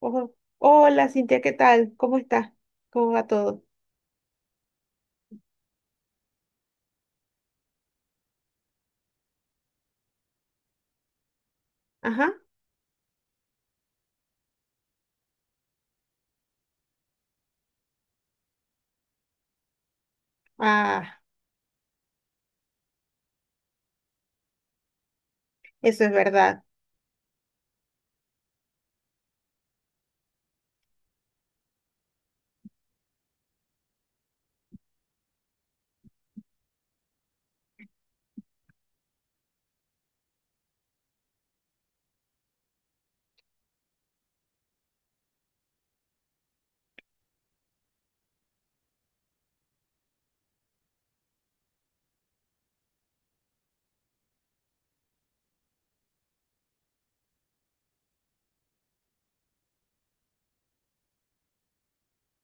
Ojo. Hola, Cintia, ¿qué tal? ¿Cómo estás? ¿Cómo va todo? Ajá. Ah, eso es verdad.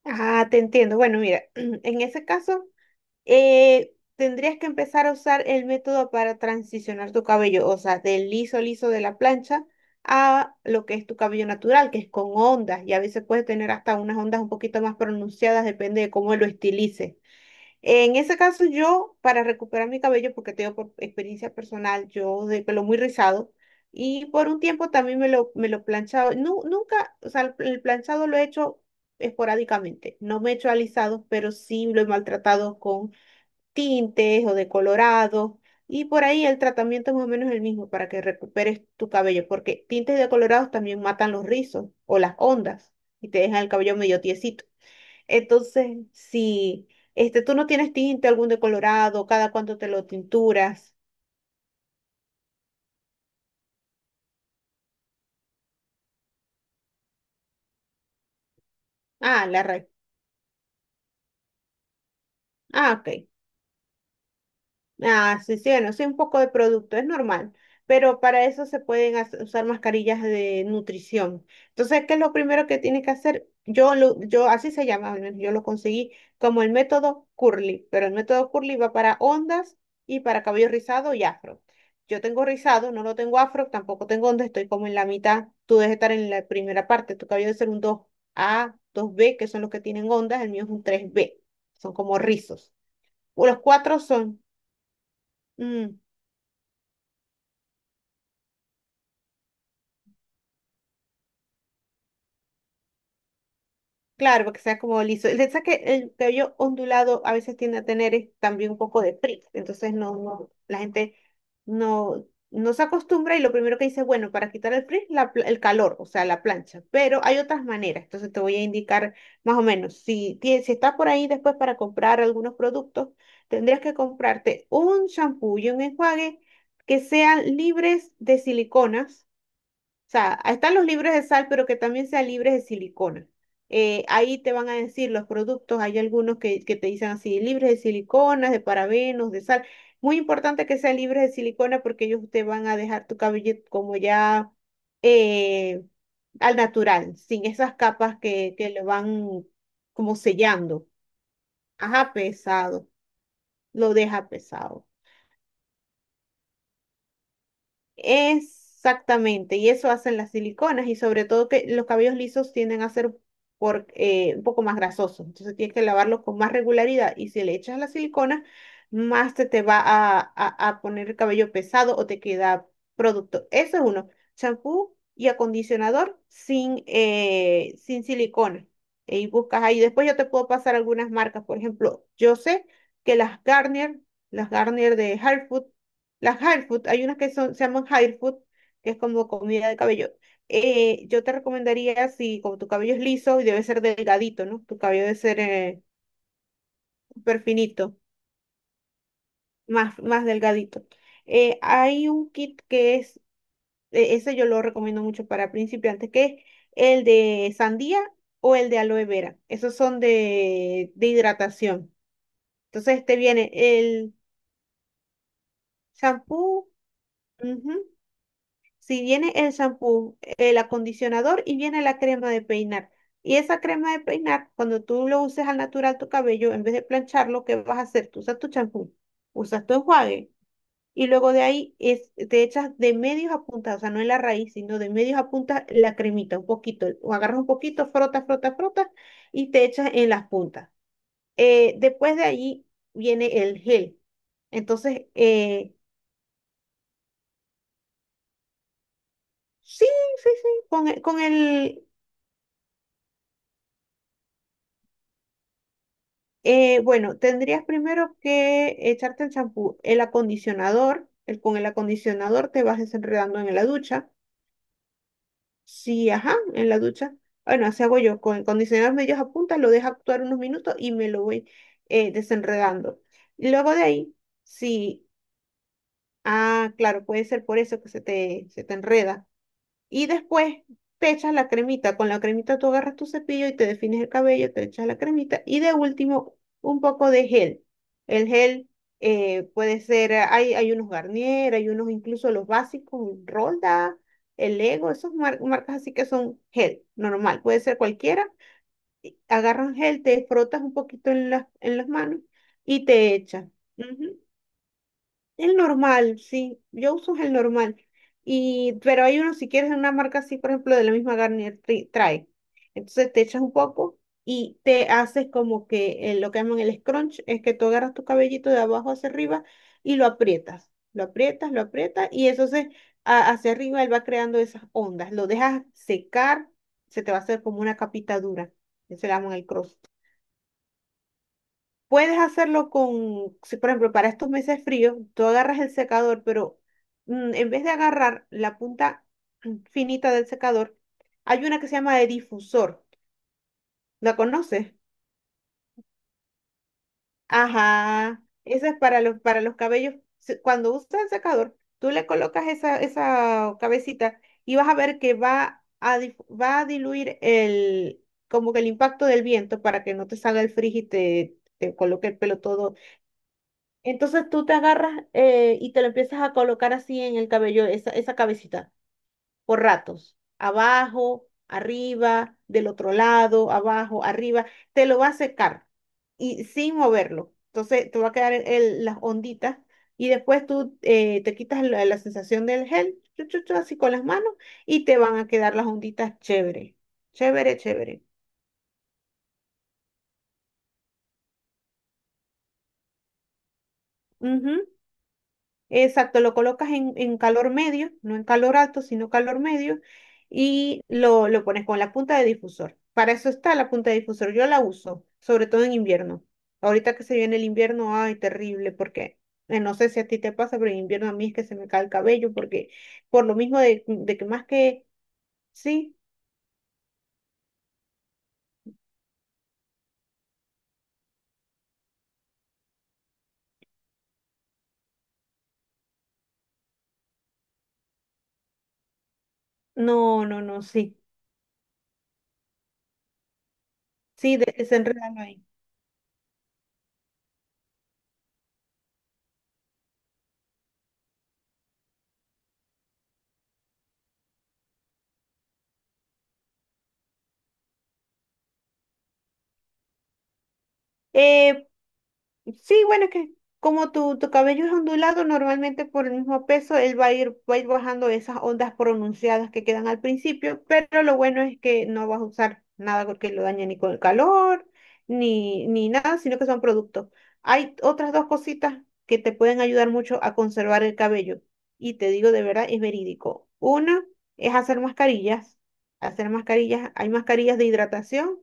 Ah, te entiendo. Bueno, mira, en ese caso, tendrías que empezar a usar el método para transicionar tu cabello, o sea, del liso liso de la plancha a lo que es tu cabello natural, que es con ondas, y a veces puedes tener hasta unas ondas un poquito más pronunciadas, depende de cómo lo estilices. En ese caso, yo, para recuperar mi cabello, porque tengo por experiencia personal, yo de pelo muy rizado, y por un tiempo también me lo planchado. Nunca, o sea, el planchado lo he hecho esporádicamente. No me he hecho alisados, pero sí lo he maltratado con tintes o decolorados. Y por ahí el tratamiento es más o menos el mismo para que recuperes tu cabello, porque tintes y decolorados también matan los rizos o las ondas y te dejan el cabello medio tiesito. Entonces, si tú no tienes tinte algún decolorado, ¿cada cuánto te lo tinturas? Ah, la raíz. Ah, ok. Ah, sí, sí, bueno, sí, un poco de producto, es normal, pero para eso se pueden usar mascarillas de nutrición. Entonces, ¿qué es lo primero que tienes que hacer? Yo, así se llama, al menos yo lo conseguí como el método Curly, pero el método Curly va para ondas y para cabello rizado y afro. Yo tengo rizado, no lo tengo afro, tampoco tengo onda, estoy como en la mitad. Tú debes estar en la primera parte, tu cabello debe ser un dos a dos b, que son los que tienen ondas. El mío es un tres b, son como rizos. O los cuatro son... mm, Claro, porque sea como liso. El detalle es que el cabello ondulado a veces tiende a tener es también un poco de frizz. Entonces no, no, la gente no, no se acostumbra, y lo primero que dice, bueno, para quitar el frizz, el calor, o sea, la plancha. Pero hay otras maneras. Entonces te voy a indicar más o menos. Si, si estás por ahí después para comprar algunos productos, tendrías que comprarte un shampoo y un enjuague que sean libres de siliconas. O sea, están los libres de sal, pero que también sean libres de silicona. Ahí te van a decir los productos, hay algunos que te dicen así, libres de siliconas, de parabenos, de sal. Muy importante que sean libres de silicona, porque ellos te van a dejar tu cabello como ya eh, al natural, sin esas capas que le van como sellando. Ajá, pesado, lo deja pesado. Exactamente, y eso hacen las siliconas, y sobre todo que los cabellos lisos tienden a ser, por, un poco más grasosos. Entonces tienes que lavarlos con más regularidad, y si le echas la silicona, más se te va a, a poner el cabello pesado o te queda producto. Eso es uno, champú y acondicionador sin silicona. Y buscas ahí, después yo te puedo pasar algunas marcas. Por ejemplo, yo sé que las Garnier de Harfood, las hard food, hay unas que son, se llaman hard food, que es como comida de cabello. Yo te recomendaría, si como tu cabello es liso y debe ser delgadito, ¿no? Tu cabello debe ser súper finito, más, más delgadito. Hay un kit que es, ese yo lo recomiendo mucho para principiantes, que es el de sandía o el de aloe vera. Esos son de hidratación. Entonces te viene el shampoo. Ujú. Si viene el shampoo, el acondicionador y viene la crema de peinar. Y esa crema de peinar, cuando tú lo uses al natural tu cabello, en vez de plancharlo, ¿qué vas a hacer? Tú usas tu champú, usas tu enjuague, y luego de ahí es, te echas de medios a puntas, o sea, no en la raíz, sino de medios a puntas la cremita, un poquito, o agarras un poquito, frotas, frotas, frotas y te echas en las puntas. Después de ahí viene el gel. Entonces, sí, sí, sí, con el, bueno, tendrías primero que echarte el champú, el acondicionador, con el acondicionador te vas desenredando en la ducha. Sí, ajá, en la ducha. Bueno, así hago yo, con el acondicionador medios a punta, lo dejo actuar unos minutos y me lo voy desenredando. Luego de ahí, sí, ah, claro, puede ser por eso que se te enreda. Y después te echas la cremita. Con la cremita tú agarras tu cepillo y te defines el cabello, te echas la cremita. Y de último, un poco de gel. El gel puede ser, hay unos Garnier, hay unos incluso los básicos, Rolda, el Lego, esas marcas así, que son gel normal, puede ser cualquiera. Y agarras gel, te frotas un poquito en las manos y te echas. El normal, sí. Yo uso el normal. Pero hay uno, si quieres, de una marca así, por ejemplo, de la misma Garnier trae. Entonces te echas un poco y te haces como que lo que llaman el scrunch, es que tú agarras tu cabellito de abajo hacia arriba y lo aprietas. Lo aprietas, lo aprietas, y eso se, hacia arriba él va creando esas ondas. Lo dejas secar, se te va a hacer como una capita dura. Eso le llaman el cross. Puedes hacerlo con, si, por ejemplo, para estos meses fríos, tú agarras el secador, pero en vez de agarrar la punta finita del secador, hay una que se llama de difusor. ¿La conoces? Ajá. Esa es para los cabellos. Cuando usas el secador, tú le colocas esa, esa cabecita, y vas a ver que va a diluir el, como que el impacto del viento, para que no te salga el frizz y te coloque el pelo todo. Entonces tú te agarras y te lo empiezas a colocar así en el cabello, esa cabecita, por ratos, abajo, arriba, del otro lado, abajo, arriba, te lo va a secar, y sin moverlo. Entonces te va a quedar las onditas, y después tú te quitas la sensación del gel, chu, chu, chu, así con las manos, y te van a quedar las onditas chévere, chévere, chévere. Ujú. Exacto, lo colocas en calor medio, no en calor alto, sino calor medio, y lo pones con la punta de difusor. Para eso está la punta de difusor, yo la uso sobre todo en invierno. Ahorita que se viene el invierno, ay, terrible, porque no sé si a ti te pasa, pero en invierno a mí es que se me cae el cabello, porque por lo mismo de que más que, sí, no, no, no, sí, sí, desenrédalo ahí. Eh, Sí, bueno, es que como tu cabello es ondulado, normalmente por el mismo peso, él va a ir bajando esas ondas pronunciadas que quedan al principio, pero lo bueno es que no vas a usar nada porque lo daña, ni con el calor, ni nada, sino que son productos. Hay otras dos cositas que te pueden ayudar mucho a conservar el cabello. Y te digo de verdad, es verídico. Una es hacer mascarillas. Hacer mascarillas, hay mascarillas de hidratación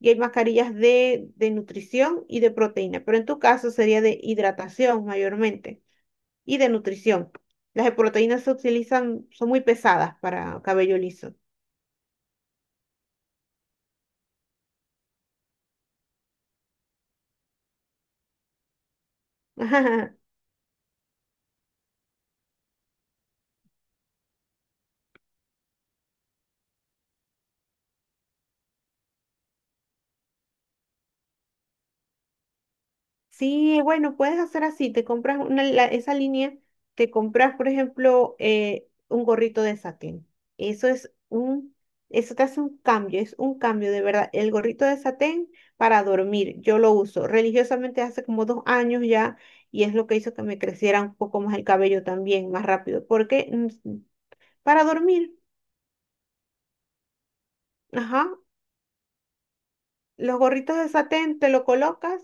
y hay mascarillas de nutrición y de proteína, pero en tu caso sería de hidratación mayormente y de nutrición. Las de proteína se utilizan, son muy pesadas para cabello liso. Sí, bueno, puedes hacer así, te compras una, esa línea. Te compras, por ejemplo, un gorrito de satén. Eso es un, eso te hace un cambio, es un cambio de verdad. El gorrito de satén para dormir, yo lo uso religiosamente hace como dos años ya, y es lo que hizo que me creciera un poco más el cabello también, más rápido, porque para dormir, ajá, los gorritos de satén te lo colocas.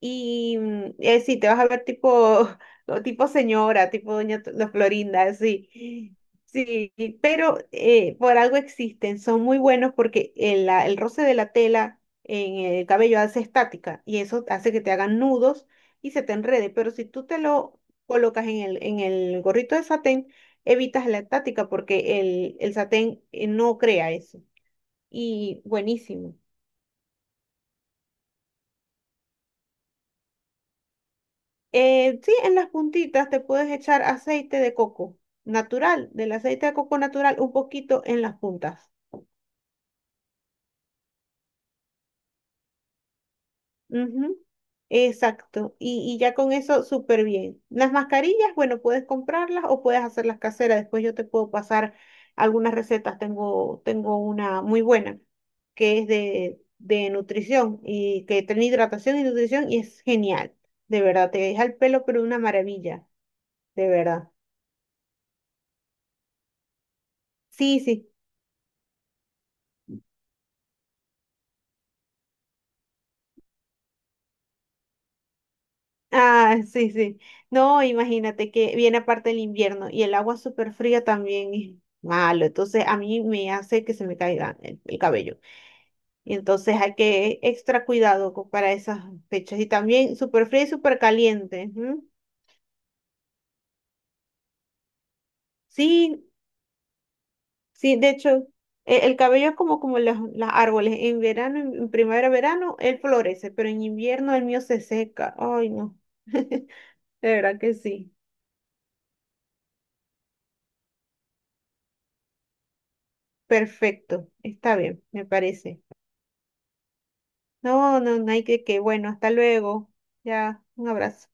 Y sí, te vas a ver tipo, tipo señora, tipo doña la Florinda, así. Sí, pero por algo existen, son muy buenos porque el roce de la tela en el cabello hace estática y eso hace que te hagan nudos y se te enrede, pero si tú te lo colocas en el gorrito de satén, evitas la estática porque el satén no crea eso. Y buenísimo. Sí, en las puntitas te puedes echar aceite de coco natural, del aceite de coco natural, un poquito en las puntas. Ujú. Exacto. Y ya con eso, súper bien. Las mascarillas, bueno, puedes comprarlas o puedes hacerlas caseras. Después yo te puedo pasar algunas recetas. Tengo una muy buena que es de nutrición, y que tiene hidratación y nutrición y es genial. De verdad, te deja el pelo, pero una maravilla. De verdad. Sí, sí. Ah, sí, sí. No, imagínate que viene aparte el invierno, y el agua súper fría también es malo. Entonces a mí me hace que se me caiga el cabello. Y entonces hay que extra cuidado para esas fechas. Y también súper fría y súper caliente. Ujú. Sí, sí, de hecho, el cabello es como los árboles. En verano, en primavera, verano, él florece, pero en invierno el mío se seca. Ay, no. De verdad que sí. Perfecto. Está bien, me parece. No, no, no hay que, bueno, hasta luego. Ya, un abrazo.